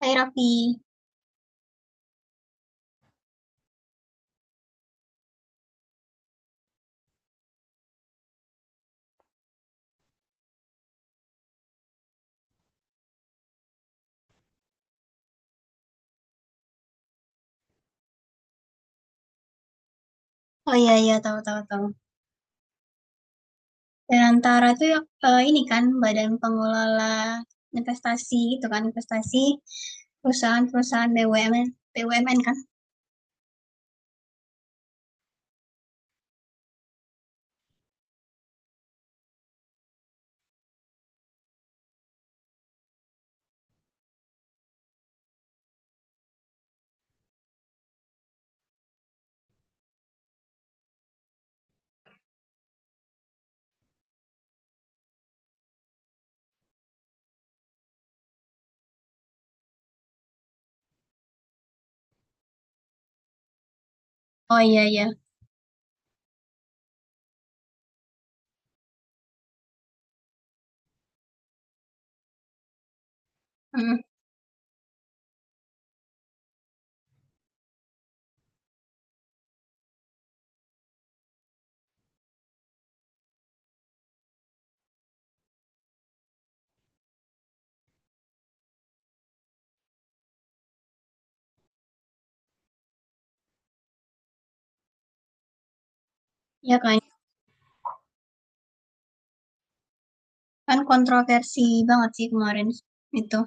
Hai Raffi. Oh iya iya tahu tahu tahu. Antara itu ya, ini kan badan pengelola investasi gitu kan investasi perusahaan-perusahaan BUMN BUMN kan. Oh iya iya. Mm, ya kan kan kontroversi banget sih kemarin itu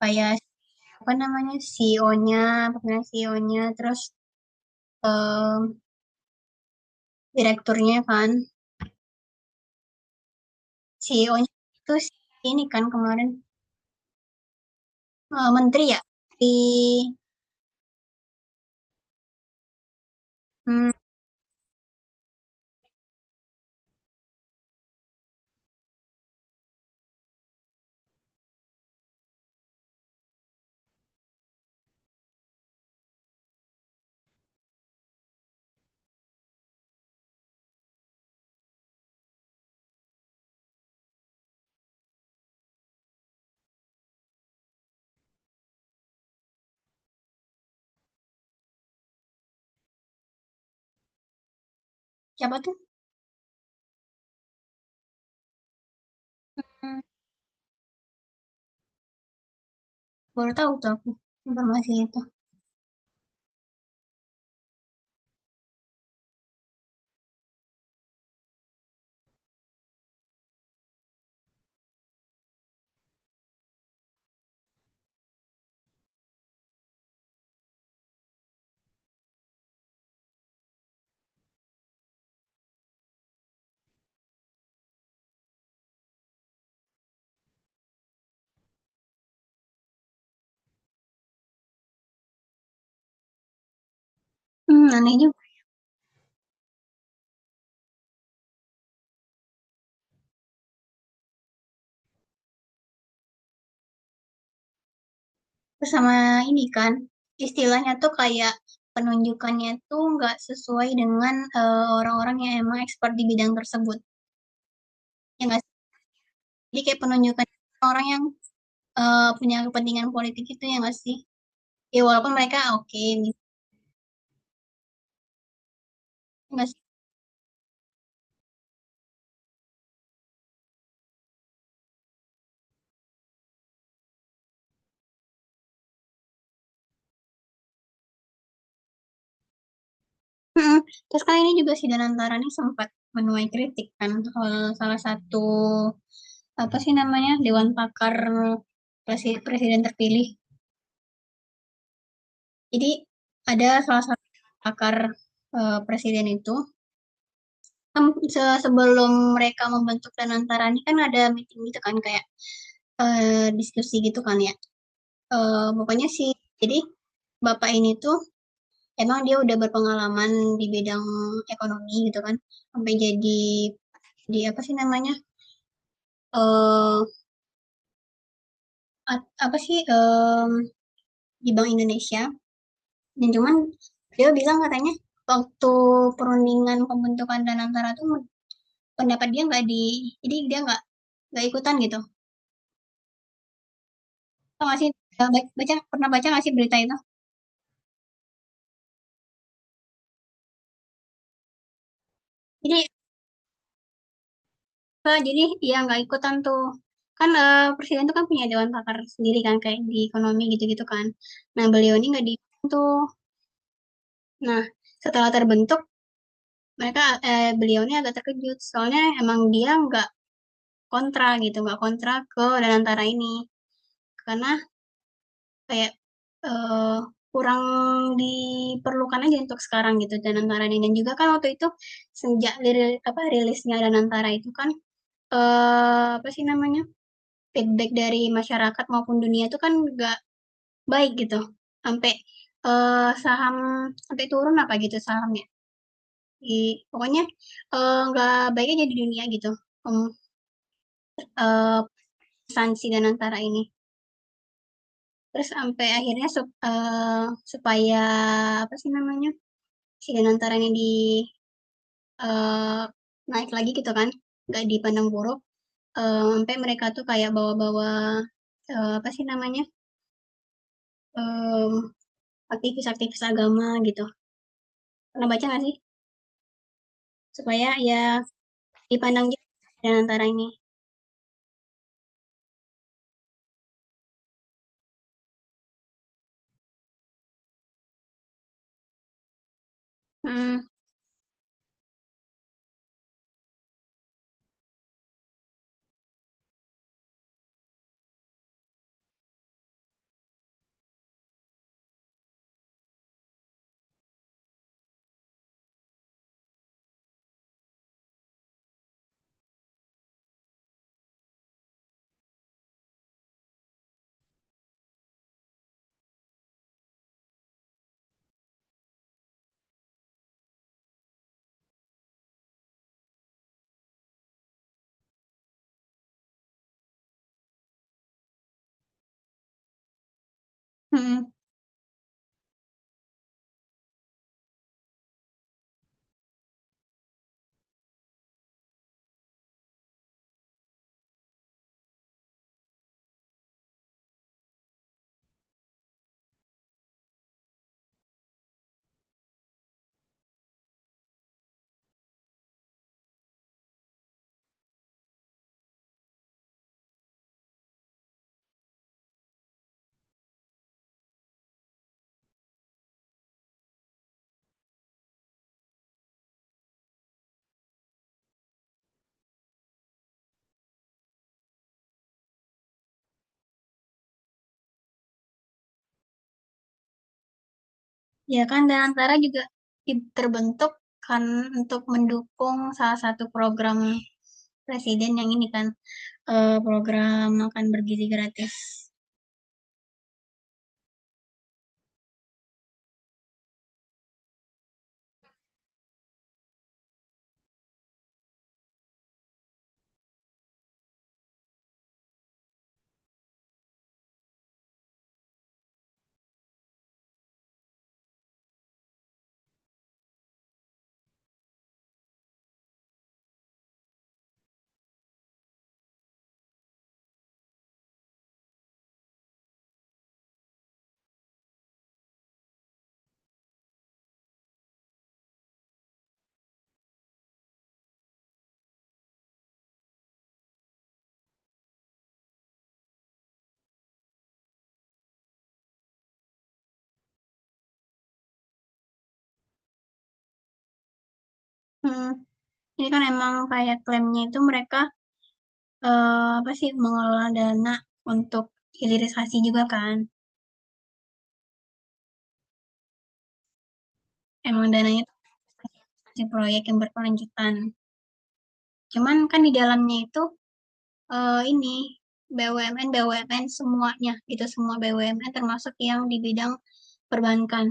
kayak apa namanya CEO-nya, pemilihan CEO-nya terus eh, direkturnya kan. CEO-nya itu si ini kan kemarin menteri ya di siapa tuh? Hmm, Baru tahu tuh aku informasi itu. Aneh juga. Terus sama ini kan, istilahnya tuh kayak penunjukannya tuh nggak sesuai dengan, orang-orang yang emang expert di bidang tersebut, ya nggak sih? Jadi kayak penunjukan orang yang, punya kepentingan politik itu ya nggak sih? Ya walaupun mereka oke gitu nggak sih? Mhm, Terus kan ini juga si Danantara nih sempat menuai kritik kan soal salah satu, apa sih namanya, dewan pakar presiden terpilih. Jadi ada salah satu pakar, presiden itu, kan sebelum mereka membentuk Danantara ini kan ada meeting gitu kan kayak, diskusi gitu kan ya, pokoknya sih jadi bapak ini tuh emang dia udah berpengalaman di bidang ekonomi gitu kan, sampai jadi di apa sih namanya, eee, apa sih, di Bank Indonesia dan cuman dia bilang katanya waktu perundingan pembentukan Danantara tuh pendapat dia nggak di jadi dia nggak ikutan gitu. Tau nggak sih, pernah baca nggak sih berita itu? Jadi jadi iya nggak ikutan tuh. Kan, presiden itu kan punya dewan pakar sendiri kan kayak di ekonomi gitu-gitu kan. Nah beliau ini nggak diikutin tuh. Nah, setelah terbentuk mereka beliau ini agak terkejut soalnya emang dia nggak kontra gitu, nggak kontra ke Danantara ini. Karena kayak, eee, kurang diperlukan aja untuk sekarang gitu Danantara ini dan juga kan waktu itu sejak rilisnya Danantara itu kan, apa sih namanya, feedback dari masyarakat maupun dunia itu kan nggak baik gitu. Sampai, saham sampai turun apa gitu sahamnya, di pokoknya, nggak baik aja di dunia gitu, um eee, sanksi Danantara ini. Terus sampai akhirnya supaya apa sih namanya si Danantara ini di eee, naik lagi gitu kan, nggak dipandang buruk, ampe mereka tuh kayak bawa-bawa, apa sih namanya, mmm, aktivis-aktivis agama gitu. Pernah baca nggak sih? Supaya ya dipandang juga Danantara ini. Hmm, mhm. Ya kan Danantara juga terbentuk kan untuk mendukung salah satu program presiden yang ini kan, program makan bergizi gratis. Hmm. Ini kan emang kayak klaimnya itu mereka apa sih, mengelola dana untuk hilirisasi juga kan. Emang dananya itu investasi proyek yang berkelanjutan. Cuman kan di dalamnya itu, ini BUMN-BUMN semuanya gitu, semua BUMN termasuk yang di bidang perbankan.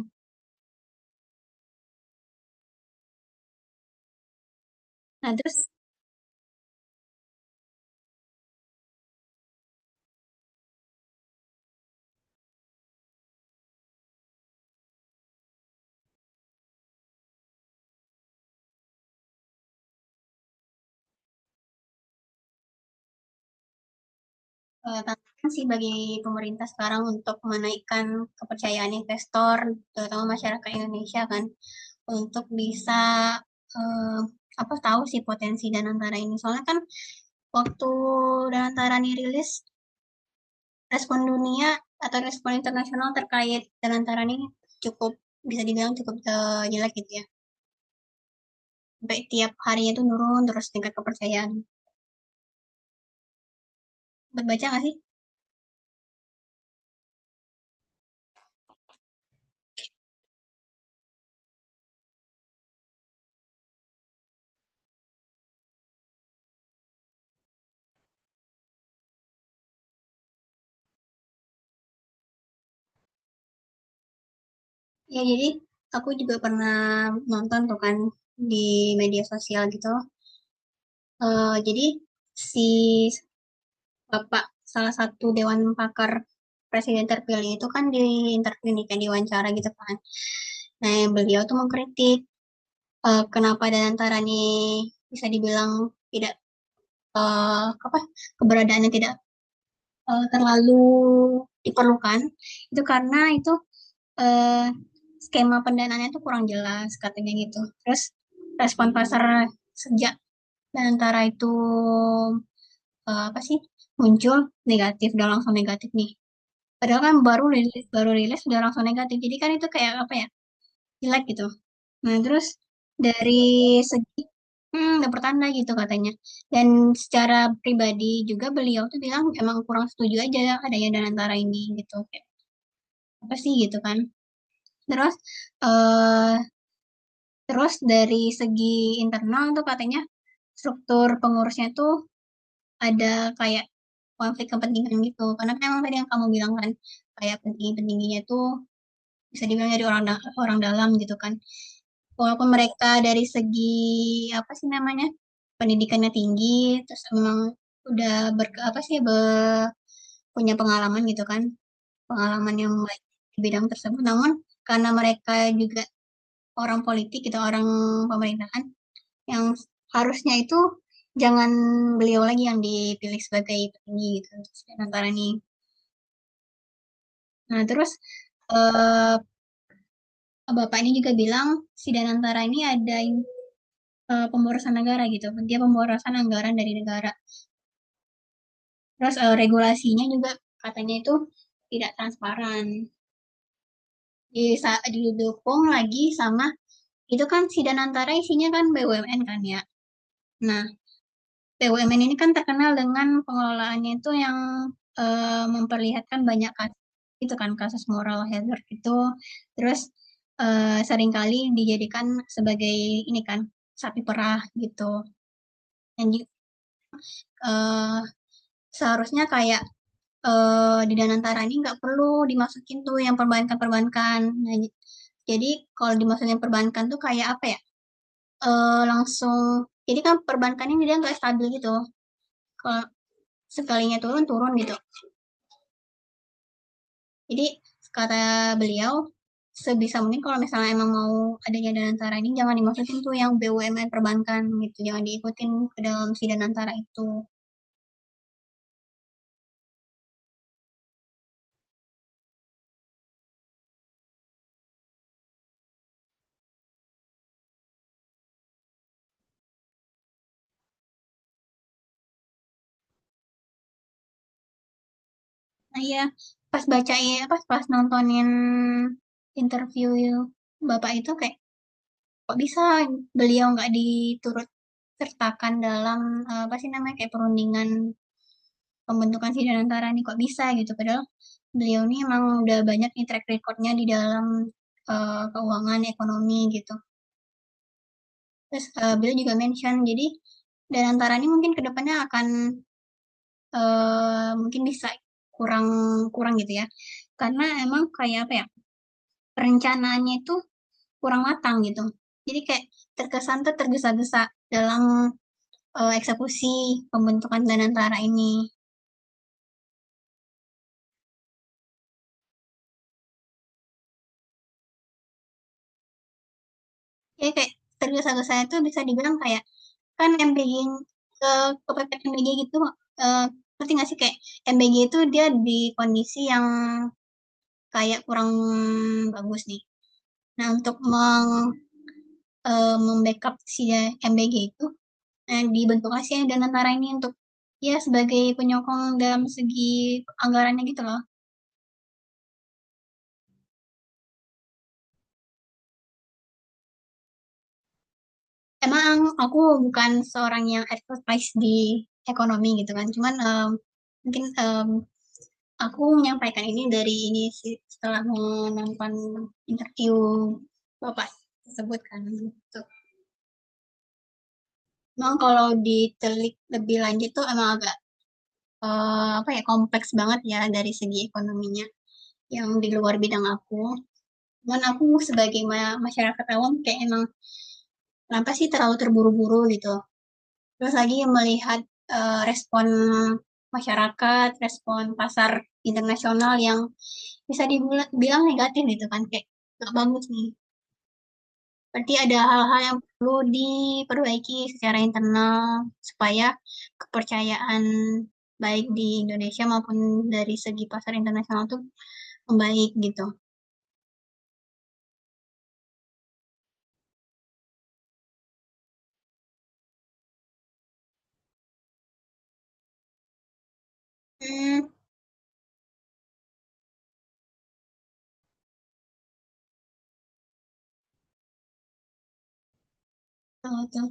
Nah terus, tantangan sih bagi pemerintah sekarang untuk menaikkan kepercayaan investor, terutama masyarakat Indonesia kan, untuk bisa, eee, apa, tahu sih potensi dan antara ini. Soalnya kan waktu Danantarani rilis, respon dunia atau respon internasional terkait Danantarani cukup bisa dibilang cukup jelek gitu ya. Sampai tiap harinya itu nurun terus tingkat kepercayaan. Baca nggak sih? Ya jadi aku juga pernah nonton tuh kan di media sosial gitu. Jadi si bapak salah satu dewan pakar presiden terpilih itu kan di interview nih kan diwawancara gitu kan. Nah beliau tuh mengkritik kenapa Danantarani bisa dibilang tidak, apa, keberadaannya tidak, terlalu diperlukan, itu karena itu, eee, skema pendanaannya itu kurang jelas katanya gitu. Terus respon pasar sejak Danantara itu, apa sih, muncul negatif, udah langsung negatif nih. Padahal kan baru rilis udah langsung negatif, jadi kan itu kayak, apa ya, jelek gitu. Nah, terus dari segi mhm, udah pertanda gitu katanya. Dan secara pribadi juga beliau tuh bilang emang kurang setuju aja adanya Danantara ini gitu, kayak apa sih gitu kan. Terus, eee, terus dari segi internal tuh katanya struktur pengurusnya tuh ada kayak konflik kepentingan gitu, karena kan emang tadi yang kamu bilang kan, kayak petinggi-petingginya tuh bisa dibilang dari orang dalam gitu kan. Walaupun mereka dari segi apa sih namanya pendidikannya tinggi terus emang udah ber apa sih be- punya pengalaman gitu kan, pengalaman yang baik di bidang tersebut, namun karena mereka juga orang politik gitu, orang pemerintahan yang harusnya itu jangan beliau lagi yang dipilih sebagai petinggi gitu si Danantara ini. Nah terus eh, bapak ini juga bilang si Danantara ini ada pemborosan negara gitu, dia pemborosan anggaran dari negara. Terus, regulasinya juga katanya itu tidak transparan, di didukung lagi sama itu kan Sidang Antara isinya kan BUMN kan ya. Nah, BUMN ini kan terkenal dengan pengelolaannya itu yang, memperlihatkan banyak kasus itu kan, kasus moral hazard itu. Terus, seringkali dijadikan sebagai ini kan, sapi perah gitu. Dan ju eh, Seharusnya kayak di Danantara ini nggak perlu dimasukin tuh yang perbankan-perbankan. Nah, jadi kalau dimasukin perbankan tuh kayak apa ya, langsung jadi kan perbankan ini dia nggak stabil gitu, kalau sekalinya turun, turun gitu. Jadi kata beliau, sebisa mungkin kalau misalnya emang mau adanya Danantara ini jangan dimasukin tuh yang BUMN perbankan gitu, jangan diikutin ke dalam si Danantara itu. Nah ya pas pas nontonin interview Bapak itu kayak kok bisa beliau nggak diturut sertakan dalam, apa sih namanya, kayak perundingan pembentukan Sidanantara nih, kok bisa gitu? Padahal beliau nih emang udah banyak nih track record-nya di dalam, keuangan, ekonomi gitu. Terus, beliau juga mention, jadi Danantara ini mungkin ke depannya akan, mungkin bisa kurang kurang gitu ya, karena emang kayak, apa ya, perencanaannya itu kurang matang gitu. Jadi kayak terkesan tuh tergesa-gesa dalam eksekusi pembentukan Danantara ini. Ya kayak tergesa-gesa itu bisa dibilang kayak kan MBG ke kepepet MBG gitu, eee, ngerti nggak sih? Kayak MBG itu dia di kondisi yang kayak kurang bagus nih. Nah, untuk meng membackup mem-backup si MBG itu, dibentuklah si Danantara ini untuk ya sebagai penyokong dalam segi anggarannya gitu loh. Emang aku bukan seorang yang expertise di ekonomi gitu kan, cuman, mungkin, aku menyampaikan ini dari ini sih, setelah menonton interview Bapak tersebut kan, gitu. Memang kalau ditelik lebih lanjut tuh emang agak, apa ya, kompleks banget ya dari segi ekonominya yang di luar bidang aku. Cuman aku sebagai masyarakat awam kayak emang kenapa sih terlalu terburu-buru gitu. Terus lagi melihat, respon masyarakat, respon pasar internasional yang bisa dibilang negatif gitu kan, kayak nggak bagus nih. Berarti ada hal-hal yang perlu diperbaiki secara internal supaya kepercayaan baik di Indonesia maupun dari segi pasar internasional tuh membaik gitu. Mmm, Betul tuh.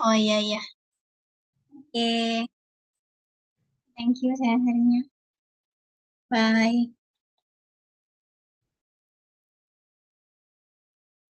Oh, iya iya. Oke, okay. Thank you sharing-nya. Bye.